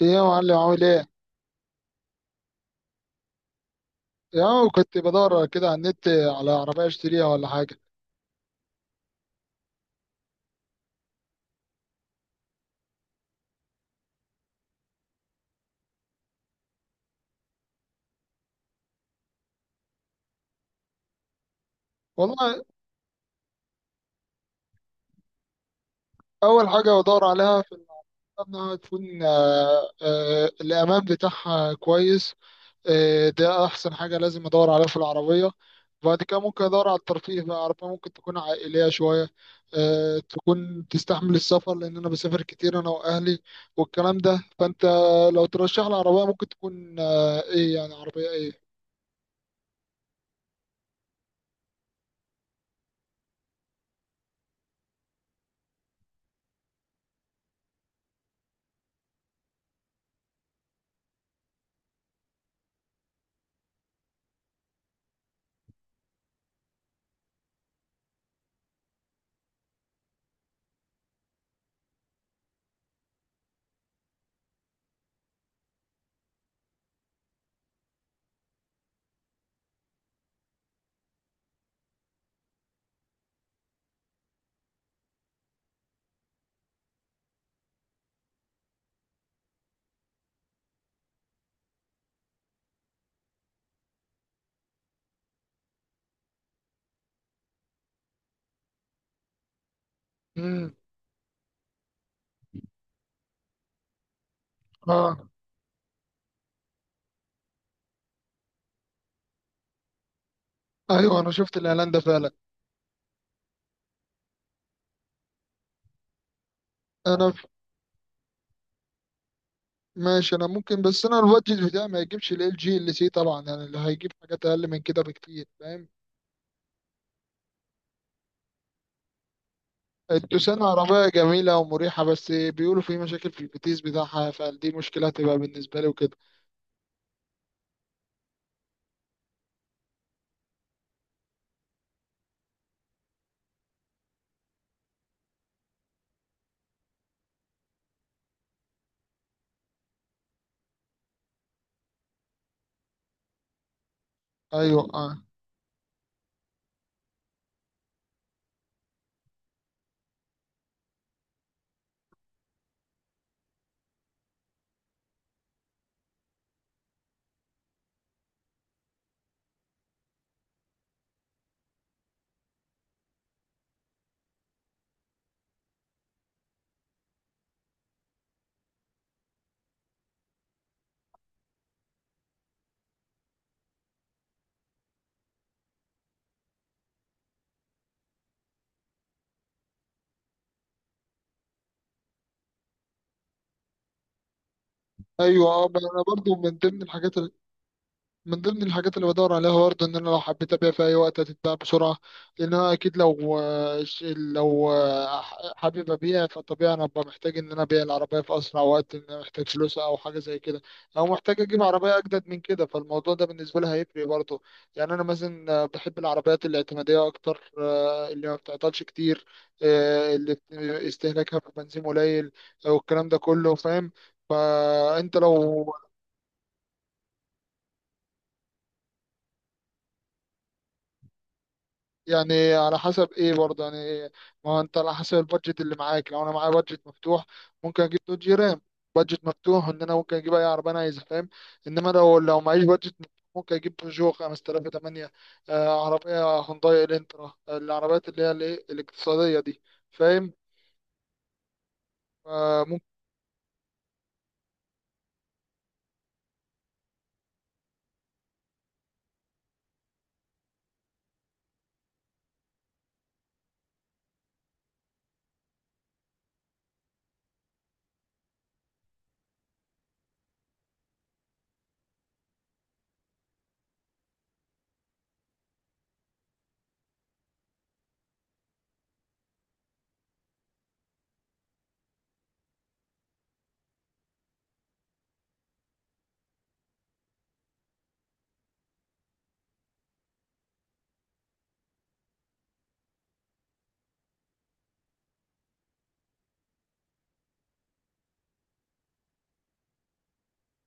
ايه يا معلم عامل ايه؟ يا كنت بدور كده على النت على عربية اشتريها ولا حاجة. والله، أول حاجة بدور عليها في العربية إنها تكون الأمان بتاعها كويس. ده أحسن حاجة لازم أدور عليها في العربية. بعد كده ممكن أدور على الترفيه بقى، عربية ممكن تكون عائلية شوية، تكون تستحمل السفر لأن أنا بسافر كتير أنا وأهلي والكلام ده. فأنت لو ترشح لي عربية ممكن تكون إيه، يعني عربية إيه؟ مم. اه. ايوه، انا شفت الاعلان ده فعلا. انا ف... ماشي، انا ممكن، بس انا البادجت بتاعي ما يجيبش ال جي ال سي طبعا، يعني اللي هيجيب حاجات اقل من كده بكتير، فاهم. التوسان عربية جميلة ومريحة، بس بيقولوا في مشاكل في الفتيس بتاعها، فدي مشكلة هتبقى بالنسبة لي وكده. ايوه اه. ايوه اه، انا برضو من ضمن الحاجات، اللي بدور عليها برضه ان انا لو حبيت ابيع في اي وقت هتتباع بسرعه. لان انا اكيد لو حابب ابيع، فطبيعي انا ببقى محتاج ان انا ابيع العربيه في اسرع وقت، ان انا محتاج فلوس او حاجه زي كده، او محتاج اجيب عربيه اجدد من كده. فالموضوع ده بالنسبه لي هيفرق برضه. يعني انا مثلا بحب العربيات الاعتماديه اكتر، اللي ما بتعطلش كتير، اللي استهلاكها في البنزين قليل والكلام ده كله، فاهم. فانت لو، يعني على حسب ايه برضه، يعني إيه؟ ما هو انت على حسب البادجت اللي معاك. لو انا معايا بادجت مفتوح ممكن اجيب دوج رام. بادجت مفتوح ان انا ممكن اجيب اي عربيه انا عايزها، فاهم. انما لو معيش بادجت مفتوح ممكن اجيب بيجو 5008، عربيه هونداي الانترا، العربيات اللي هي الايه الاقتصاديه دي، فاهم. آه، ممكن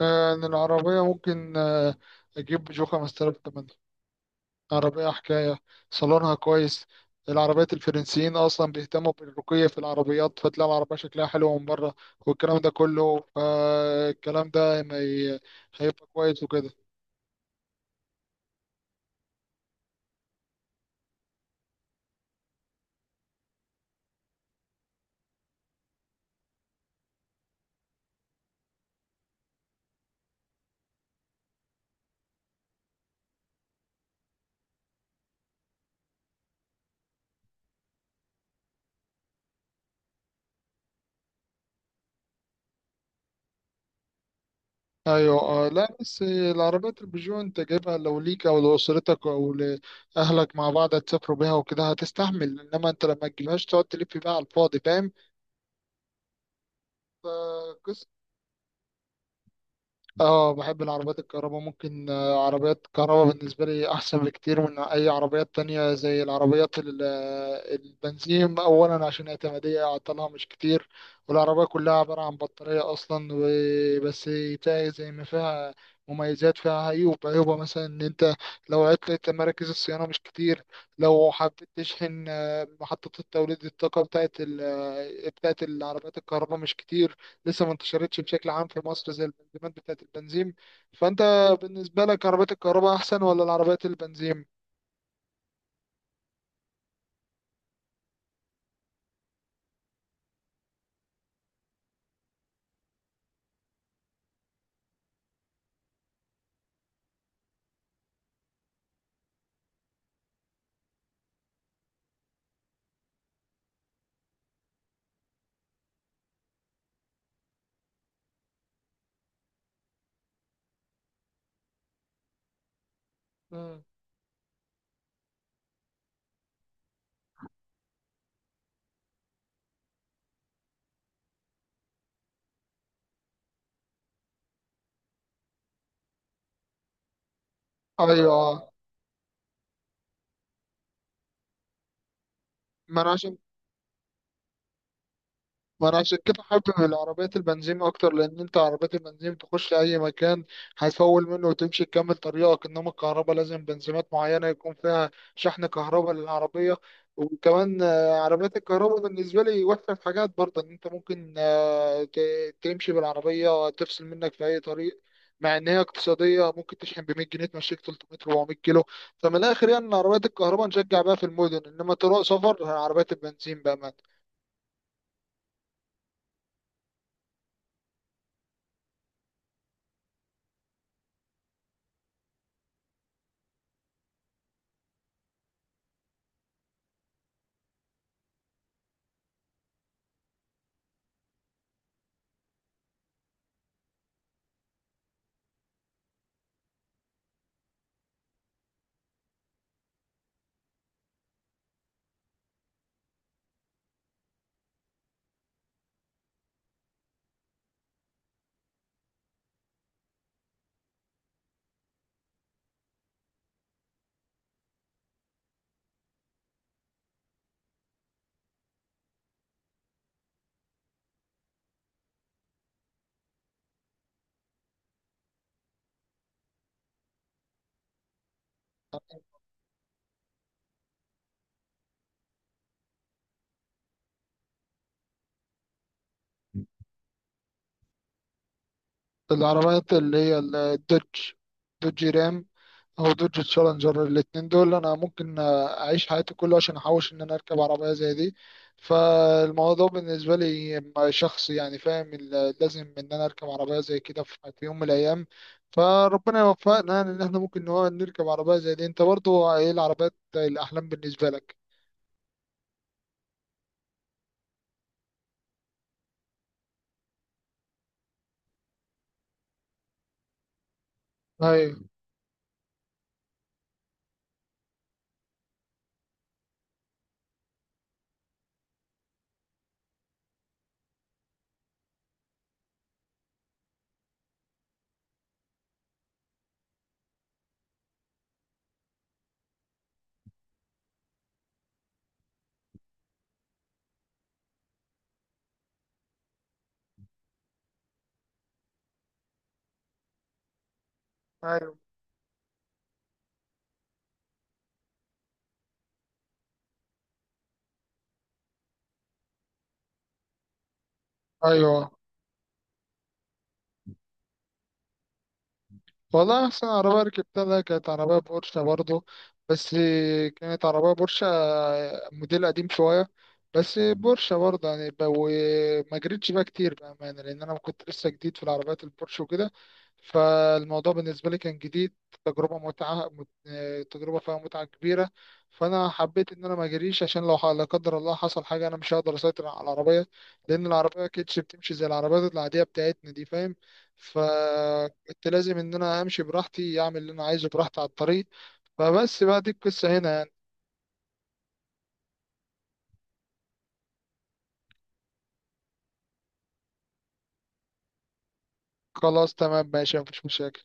آه، إن العربيه ممكن، اجيب بيجو 5008. عربية حكاية، صالونها كويس. العربيات الفرنسيين أصلا بيهتموا بالرقي في العربيات، فتلاقي العربية شكلها حلو من بره والكلام ده كله. فالكلام ده ما ي- هيبقى كويس وكده. أيوة آه، لا بس العربيات البيجو أنت جايبها لو ليك أو لأسرتك أو لأهلك، مع بعض هتسافروا بيها وكده هتستحمل، إنما أنت لما تجيبهاش تقعد تلف بيها على الفاضي. فاهم. اه، بحب العربيات الكهرباء، ممكن عربيات كهرباء بالنسبة لي أحسن بكتير من أي عربيات تانية زي العربيات البنزين. أولا عشان اعتمادية عطلها مش كتير، والعربية كلها عبارة عن بطارية أصلا. وبس بتاعي زي ما فيها مميزات فيها عيوب. عيوبها مثلا إن أنت لو عطلت مراكز الصيانة مش كتير، لو حبيت تشحن محطة التوليد الطاقة بتاعت بتاعت العربيات الكهرباء مش كتير، لسه ما انتشرتش بشكل عام في مصر زي البنزينات بتاعت البنزين. فأنت بالنسبة لك عربيات الكهرباء أحسن ولا العربيات البنزين؟ مم. أيوه. ما أنا عشان ما انا عشان كده حابب العربيات البنزين اكتر، لان انت عربيات البنزين تخش اي مكان، هتفول منه وتمشي تكمل طريقك. انما الكهرباء لازم بنزينات معينه يكون فيها شحن كهرباء للعربيه. وكمان عربيات الكهرباء بالنسبه لي وحشه في حاجات برضه، ان انت ممكن تمشي بالعربيه تفصل منك في اي طريق. مع ان هي اقتصاديه، ممكن تشحن ب 100 جنيه تمشيك 300 400 كيلو. فمن الاخر يعني إن عربيات الكهرباء نشجع بقى في المدن، انما طرق سفر عربيات البنزين بقى. العربيات اللي هي الدوج، دوج رام او دوج تشالنجر، الاتنين دول انا ممكن اعيش حياتي كلها عشان احوش ان انا اركب عربية زي دي. فالموضوع بالنسبة لي شخصي يعني، فاهم. لازم ان انا اركب عربية زي كده في يوم من الايام، فربنا يوفقنا يعني ان احنا ممكن نركب عربية زي دي. انت برضو ايه العربيات الاحلام بالنسبة لك؟ ايوه، ايوه، ايوه. والله أحسن عربية ركبتها ده كانت عربية بورشة برضو، بس. كانت عربية بورشة موديل قديم شوية، بس بورشة برضه يعني، وما جريتش بقى كتير بأمانة لأن أنا كنت لسه جديد في العربيات البورش وكده. فالموضوع بالنسبة لي كان جديد، تجربة متعة، تجربة فيها متعة كبيرة. فأنا حبيت إن أنا ما أجريش، عشان لو لا قدر الله حصل حاجة أنا مش هقدر أسيطر على العربية، لأن العربية ما كانتش بتمشي زي العربيات العادية بتاعتنا دي، فاهم. كنت لازم ان انا امشي براحتي، اعمل اللي انا عايزه براحتي على الطريق. فبس بقى دي القصة هنا يعني. خلاص تمام ماشي، مفيش مشاكل.